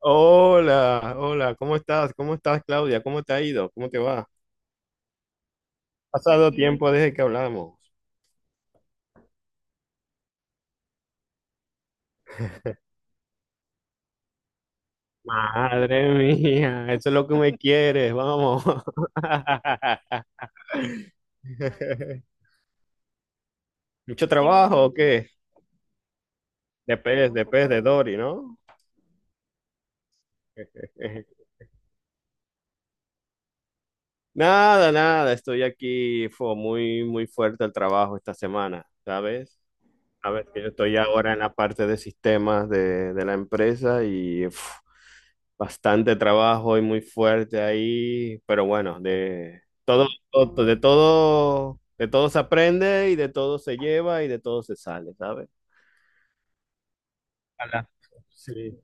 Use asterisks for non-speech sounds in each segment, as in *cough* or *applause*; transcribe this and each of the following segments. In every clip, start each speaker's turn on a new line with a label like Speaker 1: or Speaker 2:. Speaker 1: Hola, hola, ¿cómo estás? ¿Cómo estás, Claudia? ¿Cómo te ha ido? ¿Cómo te va? Ha pasado tiempo desde que hablamos. Madre mía, eso es lo que me quieres, vamos. *laughs* ¿Mucho trabajo o qué? De pez, de pez, de Dory, ¿no? *laughs* Nada, nada, estoy aquí, fue muy, muy fuerte el trabajo esta semana, ¿sabes? A ver, que yo estoy ahora en la parte de sistemas de la empresa y uf, bastante trabajo y muy fuerte ahí, pero bueno, de todo se aprende y de todo se lleva y de todo se sale, ¿sabes? Ala. Sí,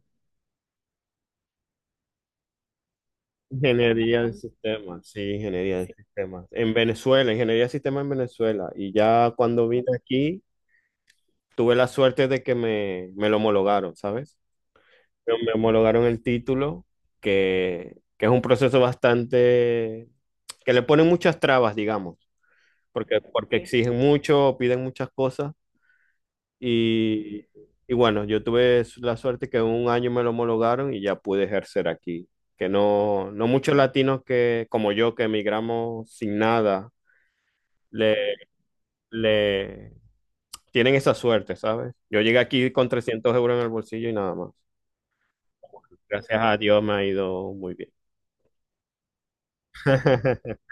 Speaker 1: ingeniería de sistemas, sí, ingeniería de sistemas. En Venezuela, ingeniería de sistemas en Venezuela. Y ya cuando vine aquí, tuve la suerte de que me lo homologaron, ¿sabes? Me homologaron el título, que es un proceso bastante, que le ponen muchas trabas, digamos, porque, sí, exigen mucho, piden muchas cosas y, y bueno, yo tuve la suerte que en un año me lo homologaron y ya pude ejercer aquí, que no muchos latinos que, como yo, que emigramos sin nada, le, le tienen esa suerte, ¿sabes? Yo llegué aquí con 300 euros en el bolsillo y nada más. Gracias a Dios me ha ido muy bien. *laughs*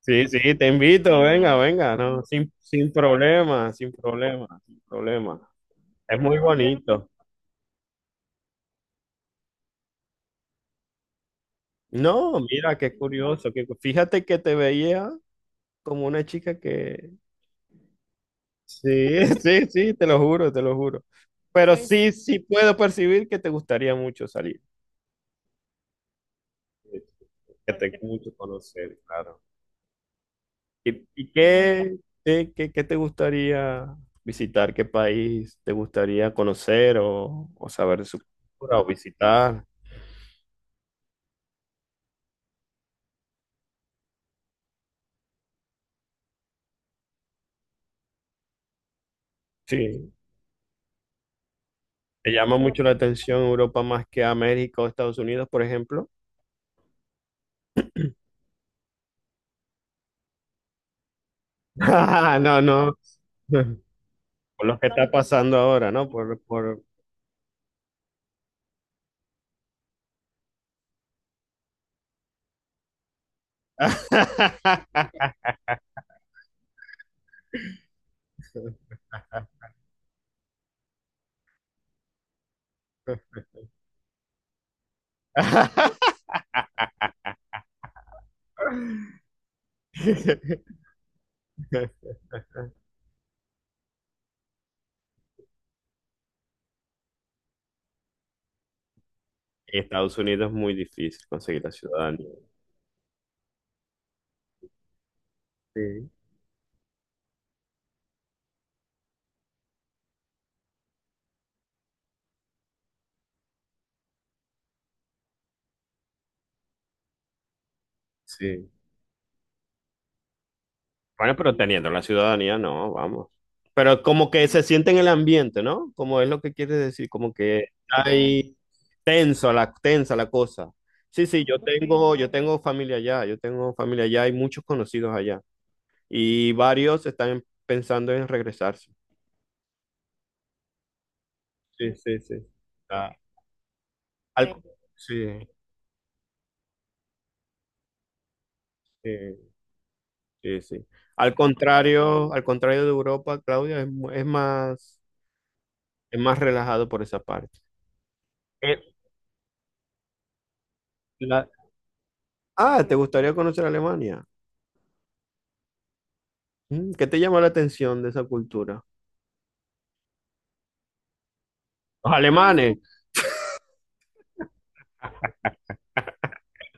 Speaker 1: Sí, sí, te invito, venga, venga, no, sin problema, sin problema, sin problema. Es muy bonito. No, mira, qué curioso, que fíjate que te veía como una chica que... Sí, *laughs* sí, sí, te lo juro, te lo juro. Pues sí, sí puedo percibir que te gustaría mucho salir, que te gusta mucho conocer, claro. ¿Y qué, qué te gustaría visitar? ¿Qué país te gustaría conocer o saber de su cultura o visitar? Sí, te llama mucho la atención Europa más que a México o Estados Unidos, por ejemplo. *laughs* Ah, no, no. Por lo que está pasando ahora, ¿no? Por... *laughs* Estados Unidos es muy difícil conseguir la ciudadanía. Sí, sí. Bueno, pero teniendo la ciudadanía, no, vamos. Pero como que se siente en el ambiente, ¿no? Como es lo que quiere decir, como que hay tensa la cosa. Sí, sí, yo tengo familia allá, yo tengo familia allá, hay muchos conocidos allá. Y varios están pensando en regresarse. Sí, sí, sí. Ah, al, sí, sí, sí, sí. Al contrario de Europa, Claudia, es más relajado por esa parte. Eh, la- Ah, ¿te gustaría conocer Alemania? ¿Qué te llama la atención de esa cultura? Los alemanes.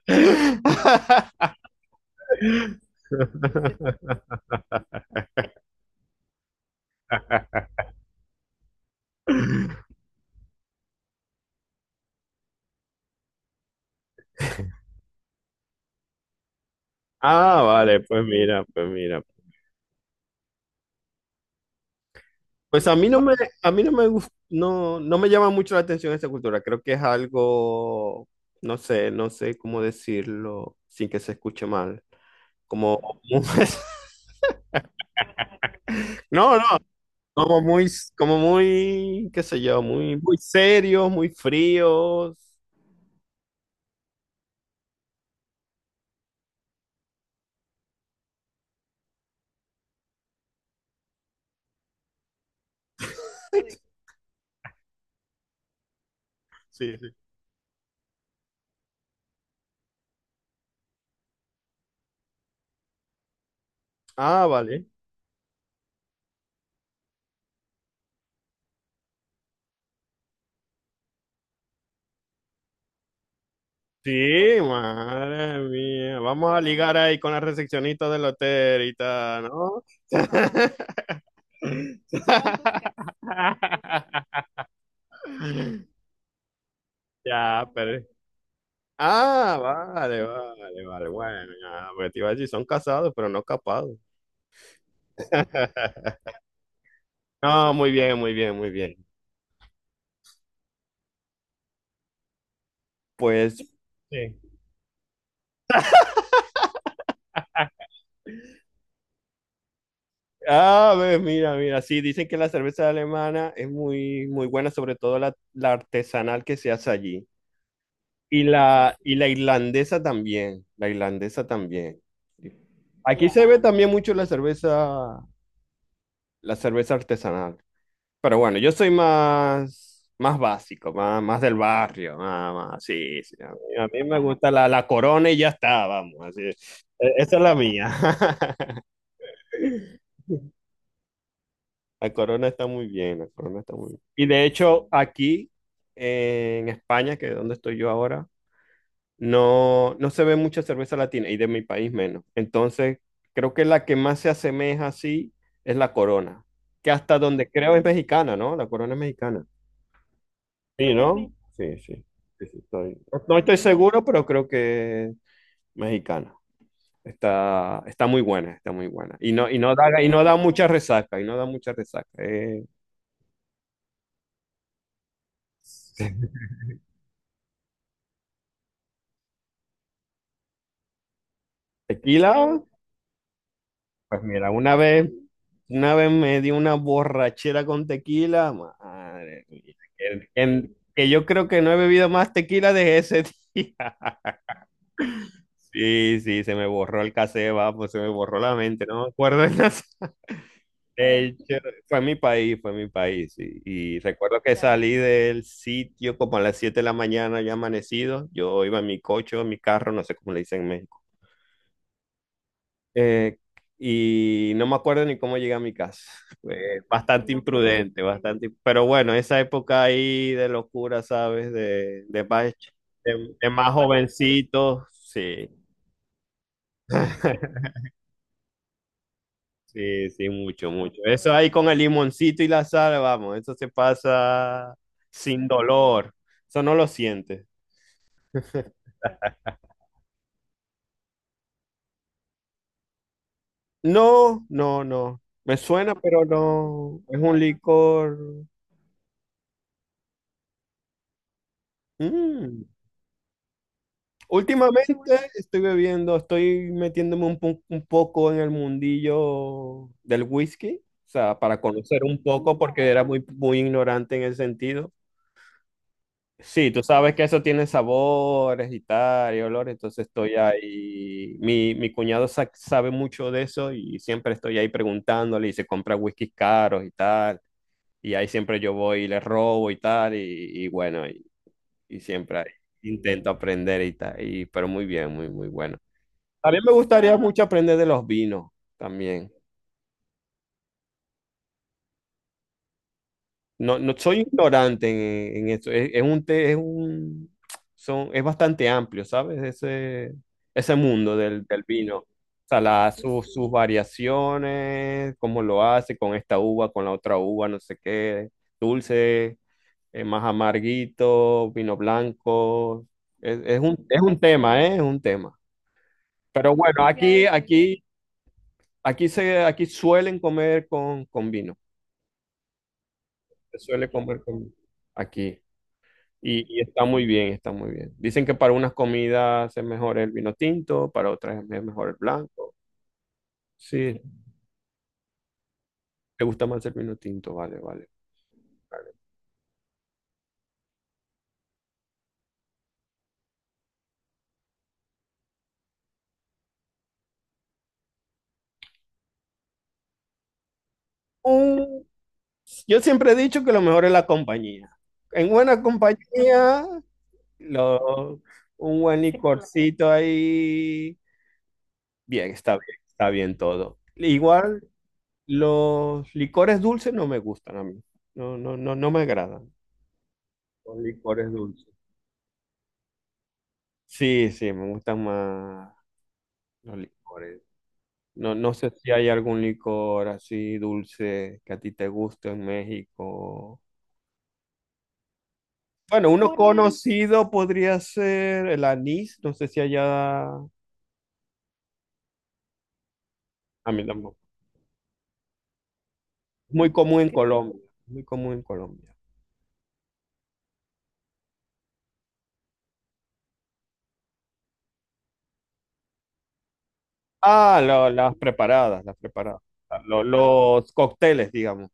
Speaker 1: *laughs* Ah, vale, pues mira, pues mira. Pues a mí no me gus- no me llama mucho la atención esa cultura. Creo que es algo, no sé, no sé cómo decirlo sin que se escuche mal. Como, *laughs* no, no, como muy, como muy, qué sé yo, muy, muy serios, muy fríos. *laughs* Sí, ah, vale. Sí, madre mía. Vamos a ligar ahí con la recepcionista del hotel y tal, ¿no? *laughs* Ya, pero... Ah, vale, vale, vale. Bueno, ya, porque te iba a decir, son casados, pero no capados. *laughs* No, muy bien, muy bien, muy bien. Pues, sí. A ver, mira, mira, sí, dicen que la cerveza alemana es muy, muy buena, sobre todo la artesanal que se hace allí. Y la irlandesa también, la irlandesa también. Sí. Aquí se ve también mucho la cerveza artesanal. Pero bueno, yo soy más, más básico, más del barrio, sí, sí. A mí me gusta la corona y ya está, vamos. Así, esa es la mía. *laughs* La corona está muy bien, la corona está muy bien. Y de hecho, aquí en España, que es donde estoy yo ahora, no se ve mucha cerveza latina y de mi país menos. Entonces, creo que la que más se asemeja así es la Corona, que hasta donde creo es mexicana, ¿no? La Corona es mexicana. Sí, ¿no? Sí, sí. Sí, sí, No, no estoy seguro, pero creo que es mexicana. Está muy buena, está muy buena. Y y no da mucha resaca, y no da mucha resaca. *laughs* Tequila. Pues mira, una vez me di una borrachera con tequila, madre mía, que yo creo que no he bebido más tequila desde ese día. *laughs* Sí, sí, se me borró el casé, pues se me borró la mente, no me acuerdo de nada. *laughs* De hecho, fue mi país, sí. Y recuerdo que salí del sitio como a las 7 de la mañana, ya amanecido. Yo iba en mi coche, en mi carro, no sé cómo le dicen en México. Eh, y no me acuerdo ni cómo llegué a mi casa. *laughs* Fue bastante imprudente, bastante. Pero bueno, esa época ahí de locura, ¿sabes? De más jovencito, sí. *laughs* Sí, sí, mucho, mucho. Eso ahí con el limoncito y la sal, vamos, eso se pasa sin dolor. Eso no lo sientes. No, no, no. Me suena, pero no. Es un licor. mm, Últimamente estoy metiéndome un poco en el mundillo del whisky, o sea, para conocer un poco porque era muy, muy ignorante en ese sentido. Sí, tú sabes que eso tiene sabores y tal, y olores, entonces estoy ahí. Mi cuñado sabe mucho de eso y siempre estoy ahí preguntándole y se compra whiskies caros y tal, y ahí siempre yo voy y le robo y tal, y bueno, y siempre ahí intento aprender y tal, pero muy bien, muy, muy bueno. A mí me gustaría mucho aprender de los vinos también. No, no soy ignorante en esto. Es un, te- es un, son, es bastante amplio, ¿sabes? Ese mundo del vino. O sea, sus variaciones, cómo lo hace con esta uva, con la otra uva, no sé qué, dulce, más amarguito, vino blanco. Es un tema, ¿eh? Es un tema. Pero bueno, aquí, aquí suelen comer con vino. Se suele comer aquí. Y está muy bien, está muy bien. Dicen que para unas comidas es mejor el vino tinto, para otras es mejor el blanco. Sí, te gusta más el vino tinto, vale, vale. Vale. Un- yo siempre he dicho que lo mejor es la compañía. En buena compañía, lo- un buen licorcito ahí. Bien, está bien, está bien todo. Igual, los licores dulces no me gustan a mí. No, no, no, no me agradan. Los licores dulces. Sí, sí, me gustan más los licores. No, no sé si hay algún licor así dulce que a ti te guste en México. Bueno, uno conocido podría ser el anís. No sé si allá... A mí tampoco. Muy común en Colombia. Muy común en Colombia. Ah, las preparadas, las preparadas. Los cócteles, digamos.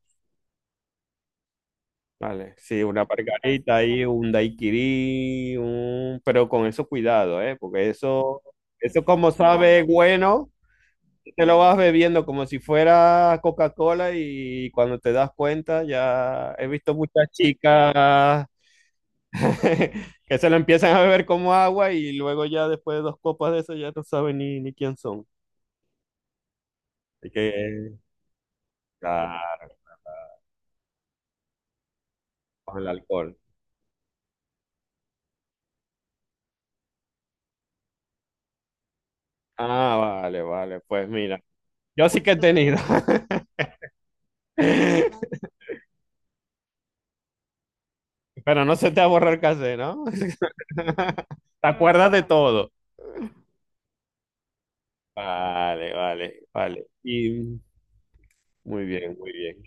Speaker 1: Vale, sí, una pargarita ahí, un daiquiri, pero con eso cuidado, ¿eh? Porque eso como sabe bueno, te lo vas bebiendo como si fuera Coca-Cola y cuando te das cuenta ya he visto muchas chicas *laughs* que se lo empiezan a beber como agua y luego ya después de dos copas de eso ya no saben ni quién son. Así que, claro, con el alcohol. Ah, vale, vale, pues mira, yo sí que he tenido. *laughs* Pero no se te va a borrar casé, ¿no? *laughs* Te acuerdas de todo. Vale, vale, vale. Y muy bien, muy bien.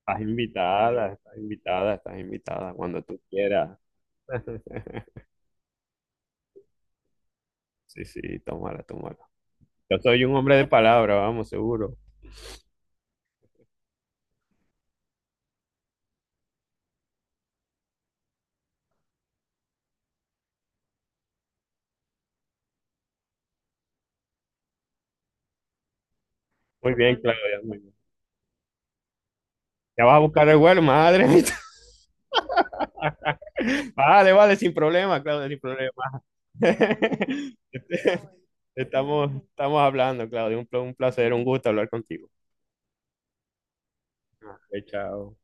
Speaker 1: Estás invitada, estás invitada, estás invitada cuando tú quieras. *laughs* Sí, sí, tómala, tómala. Yo soy un hombre de palabra, vamos, seguro. Muy bien, Claudia, muy bien. Ya vas a buscar el vuelo, madre mía. *laughs* Vale, vale, sin problema, Claudia, sin problema. *laughs* Este, estamos hablando, Claudio. Un placer, un gusto hablar contigo. Ah, chao.